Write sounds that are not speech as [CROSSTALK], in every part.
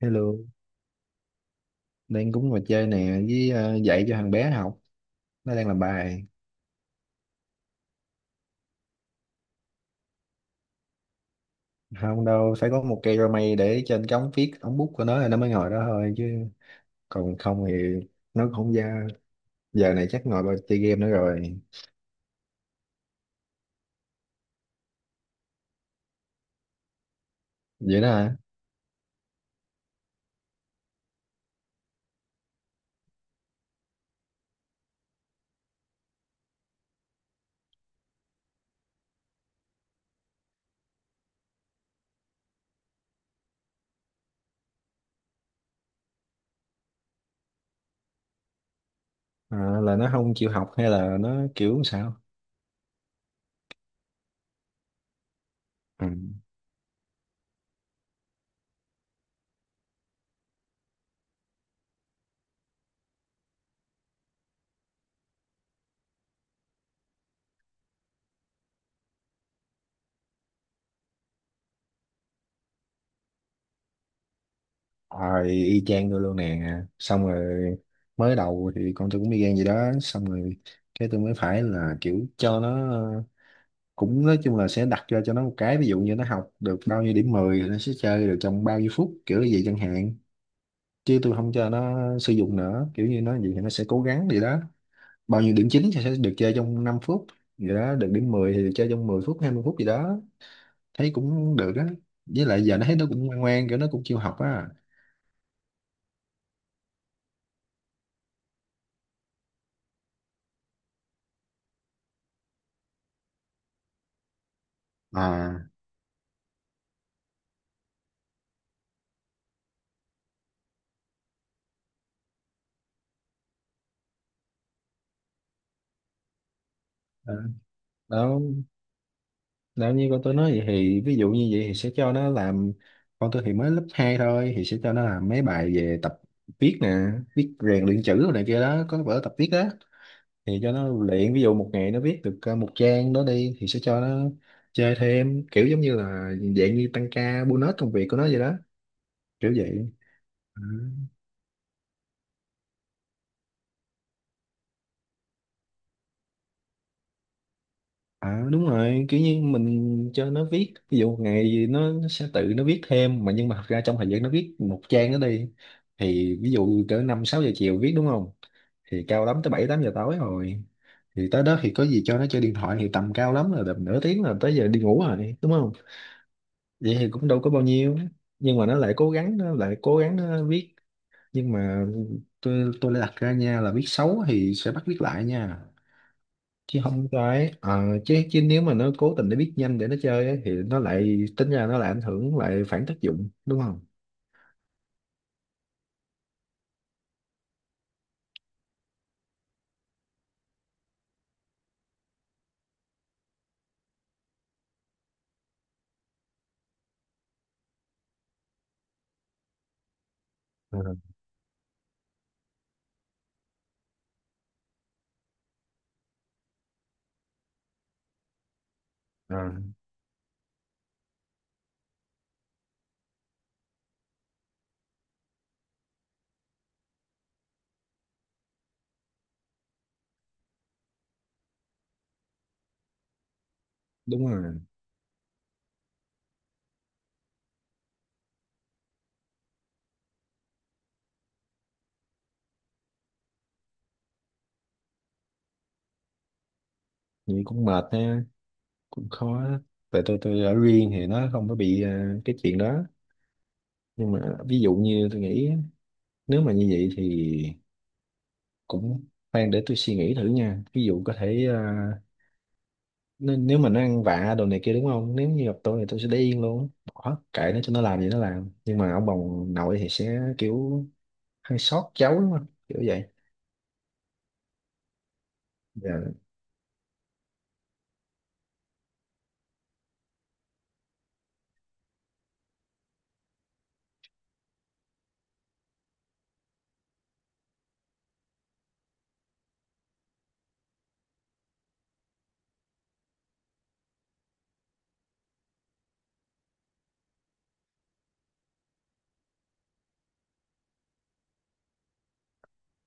Hello, đang cũng ngồi chơi nè với dạy cho thằng bé học. Nó đang làm bài. Không đâu, phải có một cây rau mây để trên cái ống viết, ống bút của nó là nó mới ngồi đó thôi chứ. Còn không thì nó cũng không ra. Giờ này chắc ngồi vào chơi game nữa rồi. Vậy đó hả? À, là nó không chịu học hay là nó kiểu sao? Ừ. Rồi y chang tôi luôn nè. Xong rồi mới đầu thì con tôi cũng y gan gì đó. Xong rồi cái tôi mới phải là kiểu cho nó, cũng nói chung là sẽ đặt ra cho nó một cái, ví dụ như nó học được bao nhiêu điểm 10 thì nó sẽ chơi được trong bao nhiêu phút, kiểu như vậy chẳng hạn. Chứ tôi không cho nó sử dụng nữa, kiểu như nó vậy thì nó sẽ cố gắng, vậy đó. Bao nhiêu điểm 9 thì sẽ được chơi trong 5 phút, vậy đó, được điểm 10 thì được chơi trong 10 phút, 20 phút gì đó. Thấy cũng được á, với lại giờ nó thấy nó cũng ngoan ngoan, kiểu nó cũng chịu học á. À. Ờ, đó. Nếu như con tôi nói vậy thì ví dụ như vậy thì sẽ cho nó làm, con tôi thì mới lớp 2 thôi thì sẽ cho nó làm mấy bài về tập viết nè, viết rèn luyện chữ rồi này kia đó, có vở tập viết đó. Thì cho nó luyện, ví dụ một ngày nó viết được một trang đó đi thì sẽ cho nó chơi thêm, kiểu giống như là dạng như tăng ca bonus công việc của nó vậy đó, kiểu vậy. Ừ. À đúng rồi, kiểu như mình cho nó viết, ví dụ một ngày gì nó sẽ tự nó viết thêm mà, nhưng mà thật ra trong thời gian nó viết một trang đó đi, thì ví dụ cỡ 5 6 giờ chiều viết đúng không? Thì cao lắm tới 7 8 giờ tối rồi. Thì tới đó thì có gì cho nó chơi điện thoại thì tầm cao lắm là tầm nửa tiếng là tới giờ đi ngủ rồi, đúng không? Vậy thì cũng đâu có bao nhiêu. Nhưng mà nó lại cố gắng, nó lại cố gắng nó viết. Nhưng mà tôi lại đặt ra nha là viết xấu thì sẽ bắt viết lại nha, chứ không. Cái ờ, chứ chứ nếu mà nó cố tình để biết nhanh để nó chơi ấy, thì nó lại tính ra, nó lại ảnh hưởng, lại phản tác dụng đúng không? Ờ, ờ, đúng rồi. Vậy cũng mệt ha, cũng khó. Tại tôi ở riêng thì nó không có bị cái chuyện đó. Nhưng mà ví dụ như tôi nghĩ, nếu mà như vậy thì cũng, khoan để tôi suy nghĩ thử nha. Ví dụ có thể nếu mà nó ăn vạ đồ này kia đúng không? Nếu như gặp tôi thì tôi sẽ để yên luôn. Bỏ kệ nó, cho nó làm gì nó làm. Nhưng mà ông bà nội thì sẽ kiểu hơi sót cháu đúng không, kiểu vậy. Dạ.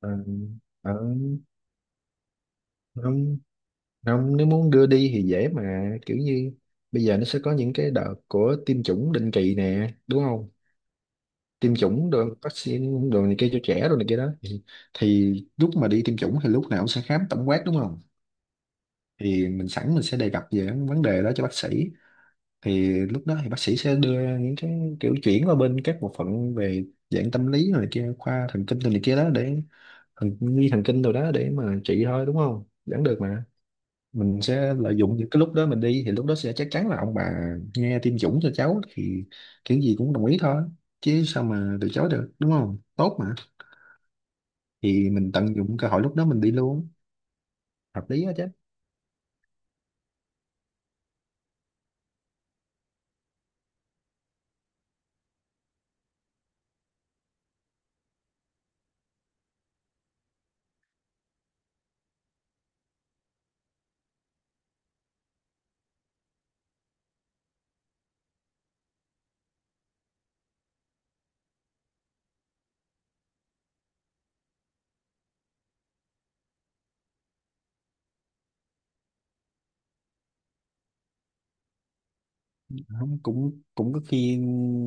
ờ, ở Không, không, nếu muốn đưa đi thì dễ mà, kiểu như bây giờ nó sẽ có những cái đợt của tiêm chủng định kỳ nè đúng không, tiêm chủng rồi vaccine rồi này kia cho trẻ rồi này kia đó thì lúc mà đi tiêm chủng thì lúc nào cũng sẽ khám tổng quát đúng không, thì mình sẵn mình sẽ đề cập về vấn đề đó cho bác sĩ, thì lúc đó thì bác sĩ sẽ đưa ra những cái kiểu chuyển qua bên các bộ phận về dạng tâm lý rồi này kia, khoa thần kinh rồi này kia đó, để thần đi thần kinh rồi đó để mà trị thôi, đúng không, vẫn được mà. Mình sẽ lợi dụng những cái lúc đó mình đi, thì lúc đó sẽ chắc chắn là ông bà nghe tiêm chủng cho cháu thì kiểu gì cũng đồng ý thôi, chứ sao mà từ chối được đúng không, tốt mà. Thì mình tận dụng cơ hội lúc đó mình đi luôn, hợp lý á chứ. Không, cũng cũng có khi,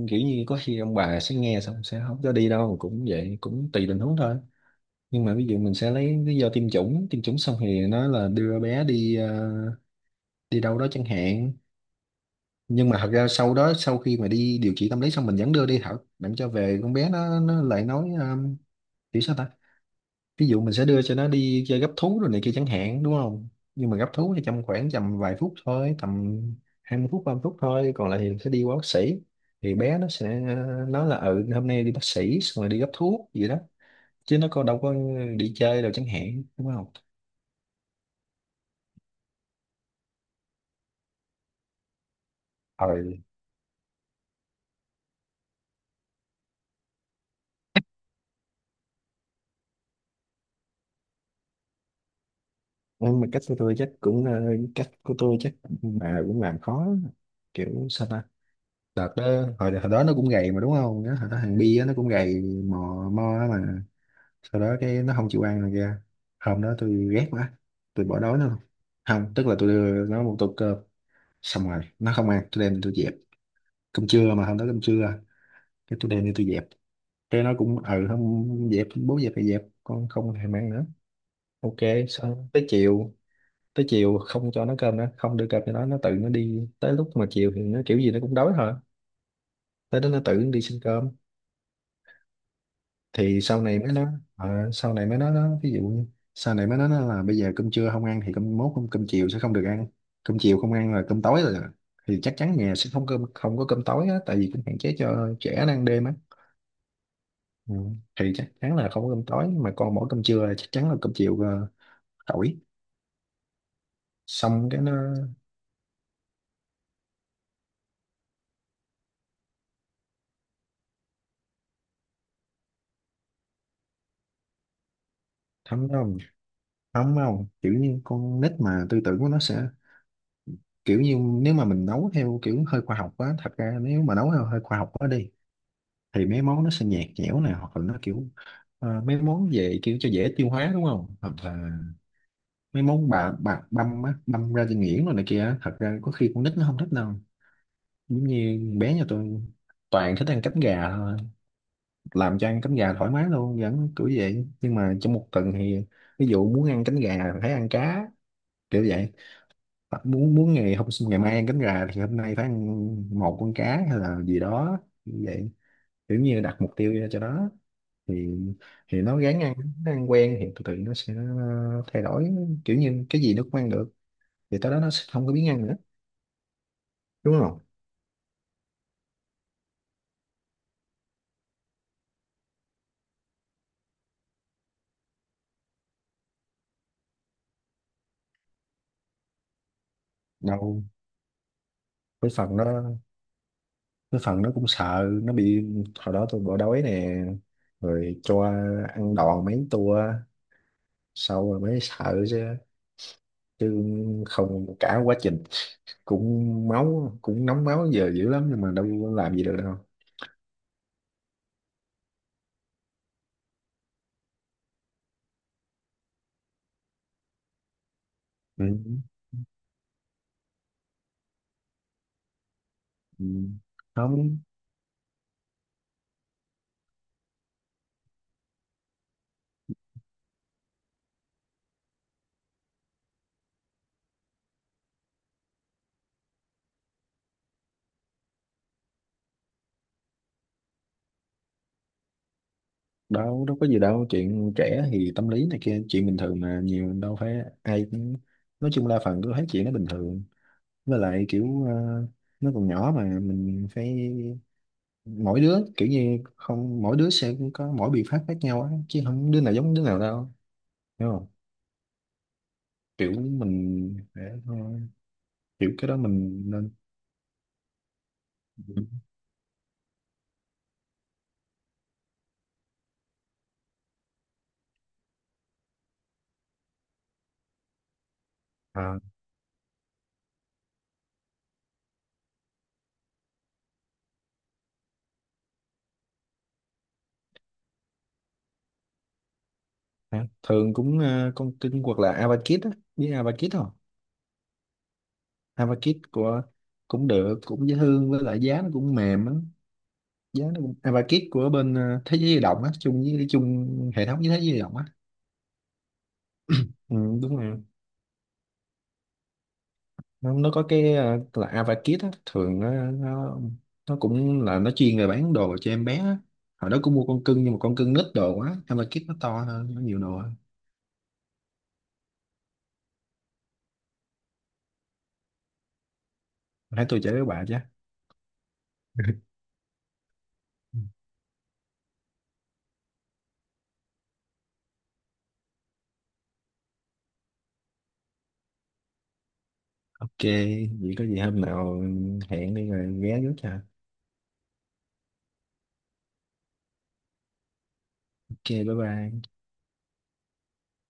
kiểu như có khi ông bà sẽ nghe xong sẽ không cho đi đâu, cũng vậy, cũng tùy tình huống thôi. Nhưng mà ví dụ mình sẽ lấy lý do tiêm chủng, tiêm chủng xong thì nói là đưa bé đi đi đâu đó chẳng hạn. Nhưng mà thật ra sau đó, sau khi mà đi điều trị tâm lý xong mình vẫn đưa đi học, làm cho về con bé nó lại nói kiểu sao ta. Ví dụ mình sẽ đưa cho nó đi chơi gấp thú rồi này kia chẳng hạn đúng không, nhưng mà gấp thú thì trong khoảng tầm vài phút thôi, tầm 20 phút 30 phút thôi, còn lại thì sẽ đi qua bác sĩ. Thì bé nó sẽ nói là ừ hôm nay đi bác sĩ xong rồi đi gấp thuốc gì đó, chứ nó có đâu có đi chơi đâu chẳng hạn đúng không. ờ nhưng mà cách của tôi chắc mà cũng làm khó, kiểu sao ta. Đợt đó, hồi đó nó cũng gầy mà đúng không. Nhớ hồi đó thằng Bi á, nó cũng gầy mò mo á mà sau đó cái nó không chịu ăn rồi kìa. Hôm đó tôi ghét quá, tôi bỏ đói nó luôn. Không, tức là tôi đưa nó một tô cơm, xong rồi nó không ăn, tôi đem đi, tôi dẹp. Cơm trưa mà, hôm đó cơm trưa, cái tôi đem đi tôi dẹp. Cái nó cũng ừ không dẹp bố dẹp thì dẹp, con không thèm ăn nữa. Ok. Xong tới chiều, tới chiều không cho nó cơm nữa, không đưa cơm cho nó tự nó đi, tới lúc mà chiều thì nó kiểu gì nó cũng đói thôi, tới đó nó tự nó đi xin cơm. Thì sau này mới nói, sau này mới nói đó, ví dụ như sau này mới nói nó là bây giờ cơm trưa không ăn thì cơm chiều sẽ không được ăn, cơm chiều không ăn là cơm tối rồi, thì chắc chắn nhà sẽ không có cơm tối á, tại vì cũng hạn chế cho trẻ nó ăn đêm á. Ừ. Thì chắc chắn là không có cơm tối mà còn mỗi cơm trưa, là chắc chắn là cơm chiều tỏi. Xong cái nó thấm, nó không thấm không, kiểu như con nít mà tư tưởng của nó sẽ, kiểu như nếu mà mình nấu theo kiểu hơi khoa học á, thật ra nếu mà nấu theo hơi khoa học quá đi thì mấy món nó sẽ nhạt nhẽo này, hoặc là nó kiểu mấy món về kiểu cho dễ tiêu hóa đúng không, hoặc là mấy món bạc bạc băm á, băm ra cho nghiền rồi này kia, thật ra có khi con nít nó không thích đâu. Giống như bé nhà tôi toàn thích ăn cánh gà thôi, làm cho ăn cánh gà thoải mái luôn vẫn kiểu vậy, nhưng mà trong một tuần thì ví dụ muốn ăn cánh gà thì phải ăn cá, kiểu vậy. Hoặc muốn muốn ngày mai ăn cánh gà thì hôm nay phải ăn một con cá hay là gì đó, như vậy. Kiểu như đặt mục tiêu ra cho nó, thì thì nó ráng ăn, nó ăn quen thì từ từ nó sẽ thay đổi, kiểu như cái gì nó cũng ăn được, thì tới đó nó sẽ không có biến ăn nữa, đúng không. Đâu, cái phần đó cái phần nó cũng sợ nó bị, hồi đó tôi bỏ đói nè, rồi cho ăn đòn mấy tua sau rồi mới sợ chứ chứ không, cả quá trình cũng máu cũng nóng máu giờ dữ lắm nhưng mà đâu có làm gì được đâu. Ừ. Ừ. Không, đâu đâu có gì đâu, chuyện trẻ thì tâm lý này kia chuyện bình thường mà, nhiều đâu phải ai cũng, nói chung đa phần cứ thấy chuyện nó bình thường. Với lại kiểu nó còn nhỏ mà mình phải, mỗi đứa kiểu như không, mỗi đứa sẽ có mỗi biện pháp khác nhau á chứ không đứa nào giống đứa nào đâu, hiểu không. Kiểu mình để thôi, kiểu cái đó mình nên à, hả? Thường cũng con kinh hoặc là Avakit á, biết Avakit không? Avakit của, cũng được, cũng dễ thương, với lại giá nó cũng mềm á, giá nó cũng và kit của bên thế giới di động á, chung hệ thống với thế giới di động á. Ừ, đúng rồi. Nó có cái là Avakit á, thường nó cũng là nó chuyên về bán đồ cho em bé á. Hồi đó cũng mua con cưng nhưng mà con cưng nít đồ quá, Avakit nó to hơn, nó nhiều đồ hơn. Hãy tôi chở với bà chứ. [LAUGHS] Ok vậy có gì hôm nào hẹn đi rồi ghé trước cho. Ok, bye bye.